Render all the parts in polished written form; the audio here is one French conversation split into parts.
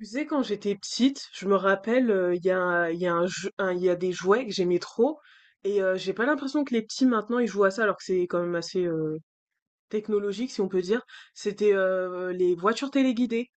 Tu sais, quand j'étais petite, je me rappelle, il y a, un- il y a un jeu- un- il y a des jouets que j'aimais trop, et j'ai pas l'impression que les petits maintenant ils jouent à ça, alors que c'est quand même assez technologique, si on peut dire. C'était les voitures téléguidées.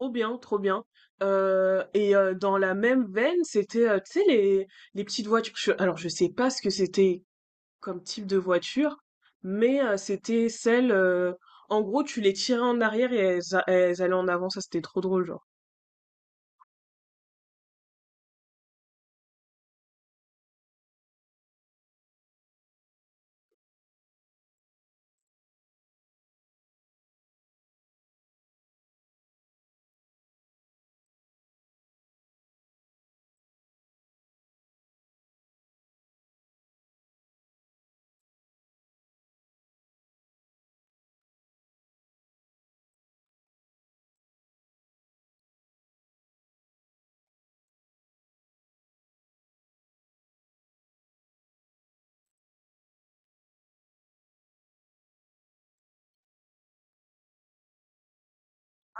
Trop bien, trop bien. Dans la même veine, c'était, tu sais, les petites voitures. Je sais pas ce que c'était comme type de voiture, mais c'était celles en gros, tu les tirais en arrière et elles allaient en avant. Ça, c'était trop drôle, genre.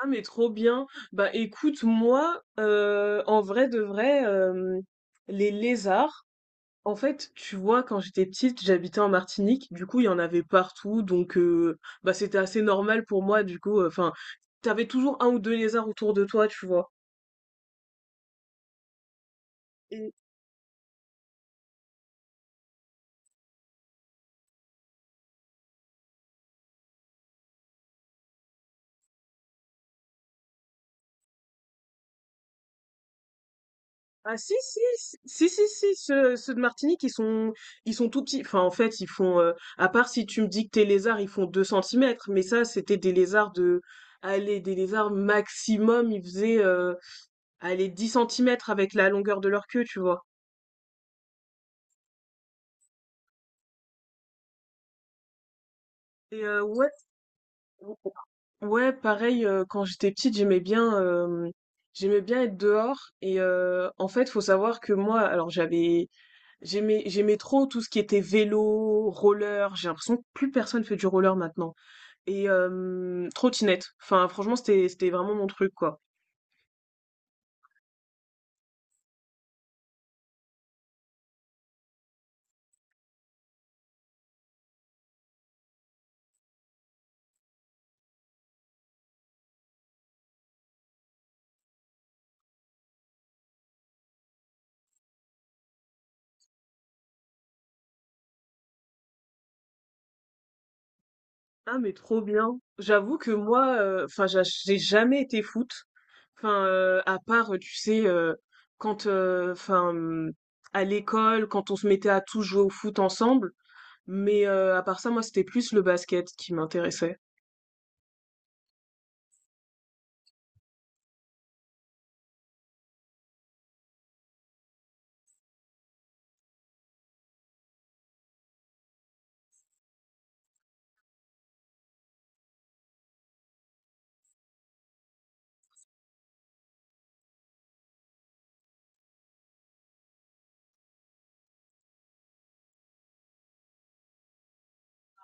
Ah mais trop bien. Bah écoute, moi, en vrai de vrai, les lézards, en fait, tu vois, quand j'étais petite, j'habitais en Martinique, du coup, il y en avait partout, donc bah c'était assez normal pour moi, du coup, enfin, t'avais toujours un ou deux lézards autour de toi, tu vois. Ah si si si si si si, ceux de Martinique ils sont tout petits, enfin en fait ils font à part si tu me dis que tes lézards ils font 2 centimètres, mais ça c'était des lézards de, allez, des lézards maximum ils faisaient allez 10 centimètres avec la longueur de leur queue, tu vois. Et ouais, pareil quand j'étais petite j'aimais bien être dehors et en fait faut savoir que moi alors j'aimais trop tout ce qui était vélo, roller. J'ai l'impression que plus personne fait du roller maintenant. Et trottinette. Enfin, franchement, c'était vraiment mon truc, quoi. Ah mais trop bien. J'avoue que moi, enfin, j'ai jamais été foot. Enfin, à part, tu sais, enfin, à l'école, quand on se mettait à tous jouer au foot ensemble. Mais à part ça, moi, c'était plus le basket qui m'intéressait.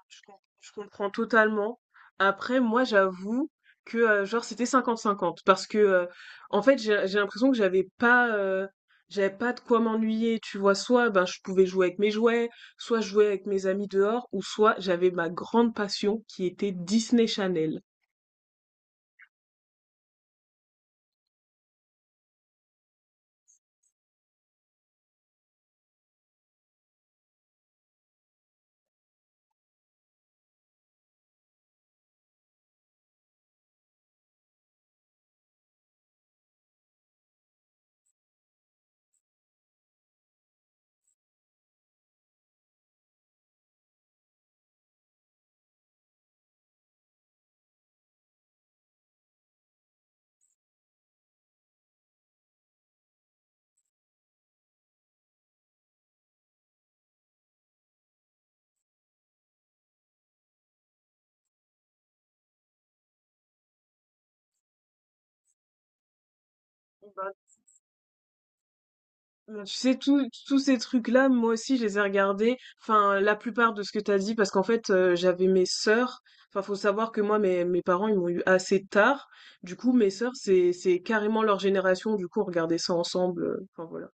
Je com- je comprends totalement. Après, moi, j'avoue que genre c'était cinquante cinquante parce que en fait, j'ai l'impression que j'avais pas de quoi m'ennuyer, tu vois, soit ben je pouvais jouer avec mes jouets, soit jouer avec mes amis dehors, ou soit j'avais ma grande passion qui était Disney Channel. Bah, tu sais, tous ces trucs-là, moi aussi, je les ai regardés. Enfin, la plupart de ce que t'as dit, parce qu'en fait, j'avais mes sœurs. Enfin, faut savoir que moi, mes parents, ils m'ont eu assez tard. Du coup, mes sœurs, c'est carrément leur génération. Du coup, on regardait ça ensemble. Enfin, voilà.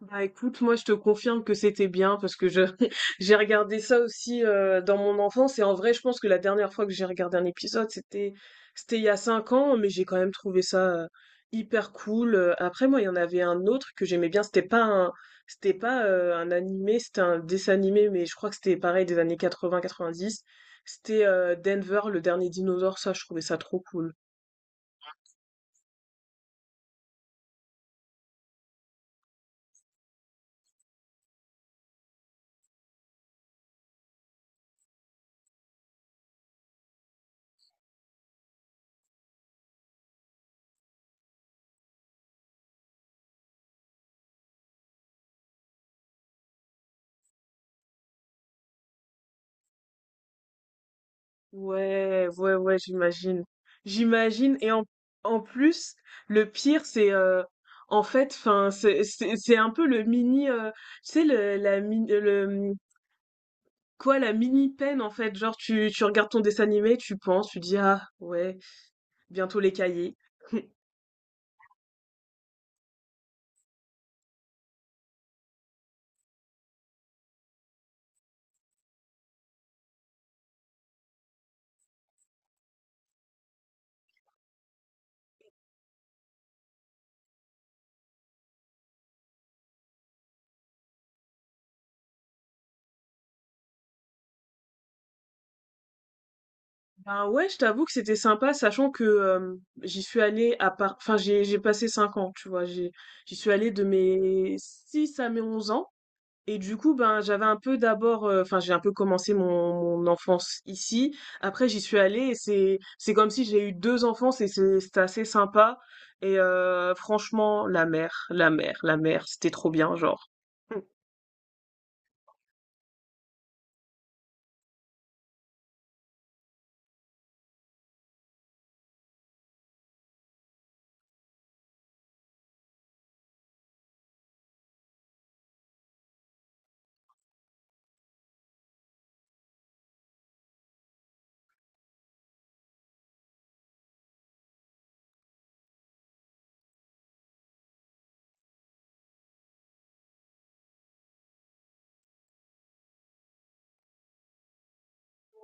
Bah, écoute, moi je te confirme que c'était bien parce que je j'ai regardé ça aussi dans mon enfance, et en vrai je pense que la dernière fois que j'ai regardé un épisode c'était il y a cinq ans, mais j'ai quand même trouvé ça hyper cool. Après moi il y en avait un autre que j'aimais bien, c'était pas un animé, c'était un dessin animé, mais je crois que c'était pareil des années 80-90. C'était Denver, le dernier dinosaure. Ça je trouvais ça trop cool. Ouais, ouais, ouais, j'imagine. J'imagine. Et en plus, le pire, c'est en fait, enfin, c'est un peu le mini, tu sais, le, la mini, le mmh, quoi, la mini peine en fait. Genre, tu regardes ton dessin animé, tu penses, tu dis ah ouais, bientôt les cahiers. Ben ouais, je t'avoue que c'était sympa, sachant que j'y suis allée à part, enfin, j'ai passé cinq ans, tu vois, j'ai, j'y suis allée de mes 6 à mes 11 ans. Et du coup, ben, j'avais un peu d'abord, enfin, j'ai un peu commencé mon enfance ici. Après, j'y suis allée et c'est comme si j'ai eu deux enfants. C'était assez sympa. Et franchement, la mer, c'était trop bien, genre. Mm.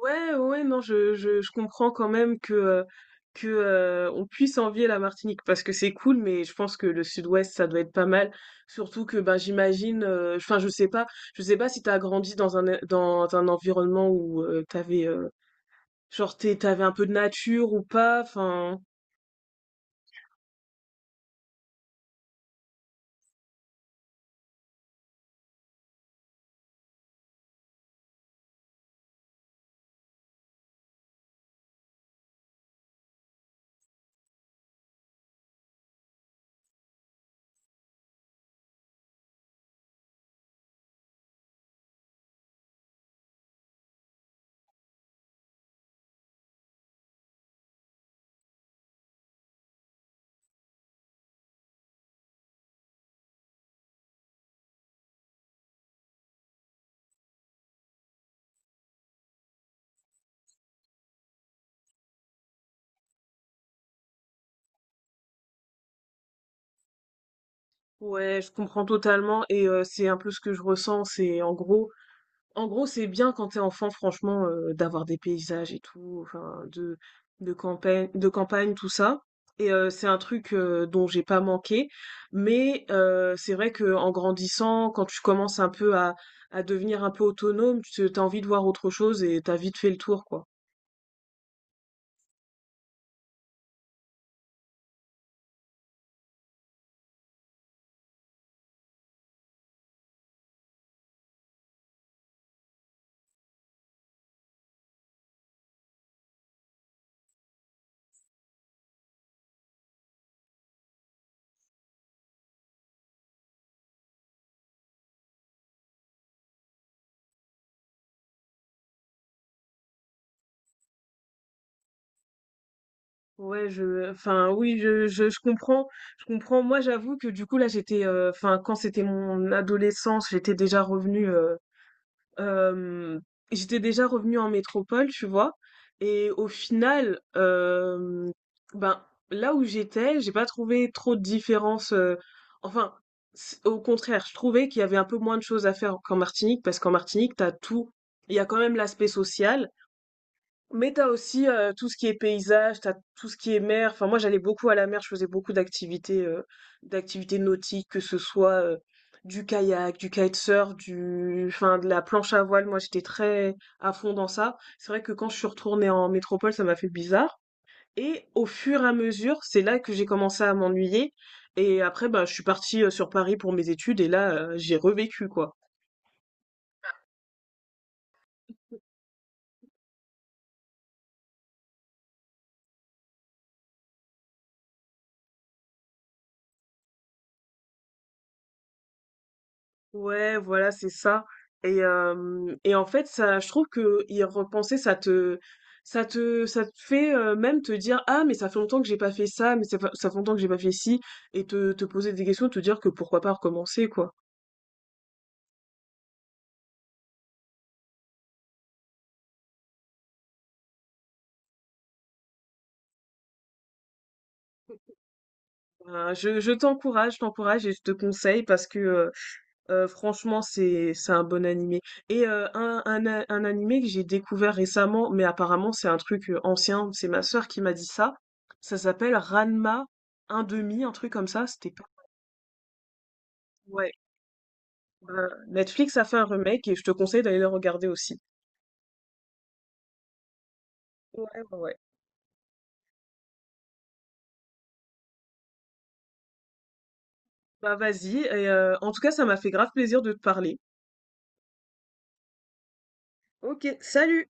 Ouais, ouais, ouais, non, je comprends quand même que, on puisse envier la Martinique parce que c'est cool, mais je pense que le Sud-Ouest, ça doit être pas mal. Surtout que, ben, j'imagine, enfin, je sais pas si t'as grandi dans dans un environnement où t'avais, genre, t'avais un peu de nature ou pas, enfin, ouais, je comprends totalement. Et c'est un peu ce que je ressens, en gros, c'est bien quand t'es enfant, franchement, d'avoir des paysages et tout, enfin, de campagne, tout ça. Et c'est un truc dont j'ai pas manqué. Mais c'est vrai que en grandissant, quand tu commences un peu à devenir un peu autonome, tu t'as envie de voir autre chose et t'as vite fait le tour, quoi. Ouais, je, enfin, oui, je comprends, je comprends. Moi, j'avoue que du coup, là, j'étais, enfin, quand c'était mon adolescence, j'étais déjà revenue. Hem, j'étais déjà revenue en métropole, tu vois? Et au final, ben, là où j'étais, j'ai pas trouvé trop de différence, enfin, c au contraire, je trouvais qu'il y avait un peu moins de choses à faire qu'en Martinique, parce qu'en Martinique, t'as tout. Il y a quand même l'aspect social, mais t'as aussi, tout ce qui est paysage, t'as tout ce qui est mer. Enfin, moi, j'allais beaucoup à la mer, je faisais beaucoup d'activités, d'activités nautiques, que ce soit, du kayak, du kitesurf, du enfin, de la planche à voile. Moi, j'étais très à fond dans ça. C'est vrai que quand je suis retournée en métropole, ça m'a fait bizarre, et au fur et à mesure, c'est là que j'ai commencé à m'ennuyer, et après, bah, je suis partie, sur Paris pour mes études, et là, j'ai revécu, quoi. Ouais, voilà, c'est ça. Et en fait, ça, je trouve que y repenser, ça te fait même te dire, ah, mais ça fait longtemps que j'ai pas fait ça, mais ça fait longtemps que j'ai pas fait ci, et te poser des questions, te dire que pourquoi pas recommencer, quoi. Je t'encourage, je t'encourage et je te conseille, parce que franchement c'est un bon animé. Et un animé que j'ai découvert récemment, mais apparemment c'est un truc ancien, c'est ma sœur qui m'a dit ça. Ça s'appelle Ranma un demi, un truc comme ça. C'était pas. Ouais. Bah, Netflix a fait un remake et je te conseille d'aller le regarder aussi. Ouais, ouais, ouais. Bah vas-y. Et en tout cas, ça m'a fait grave plaisir de te parler. Ok, salut!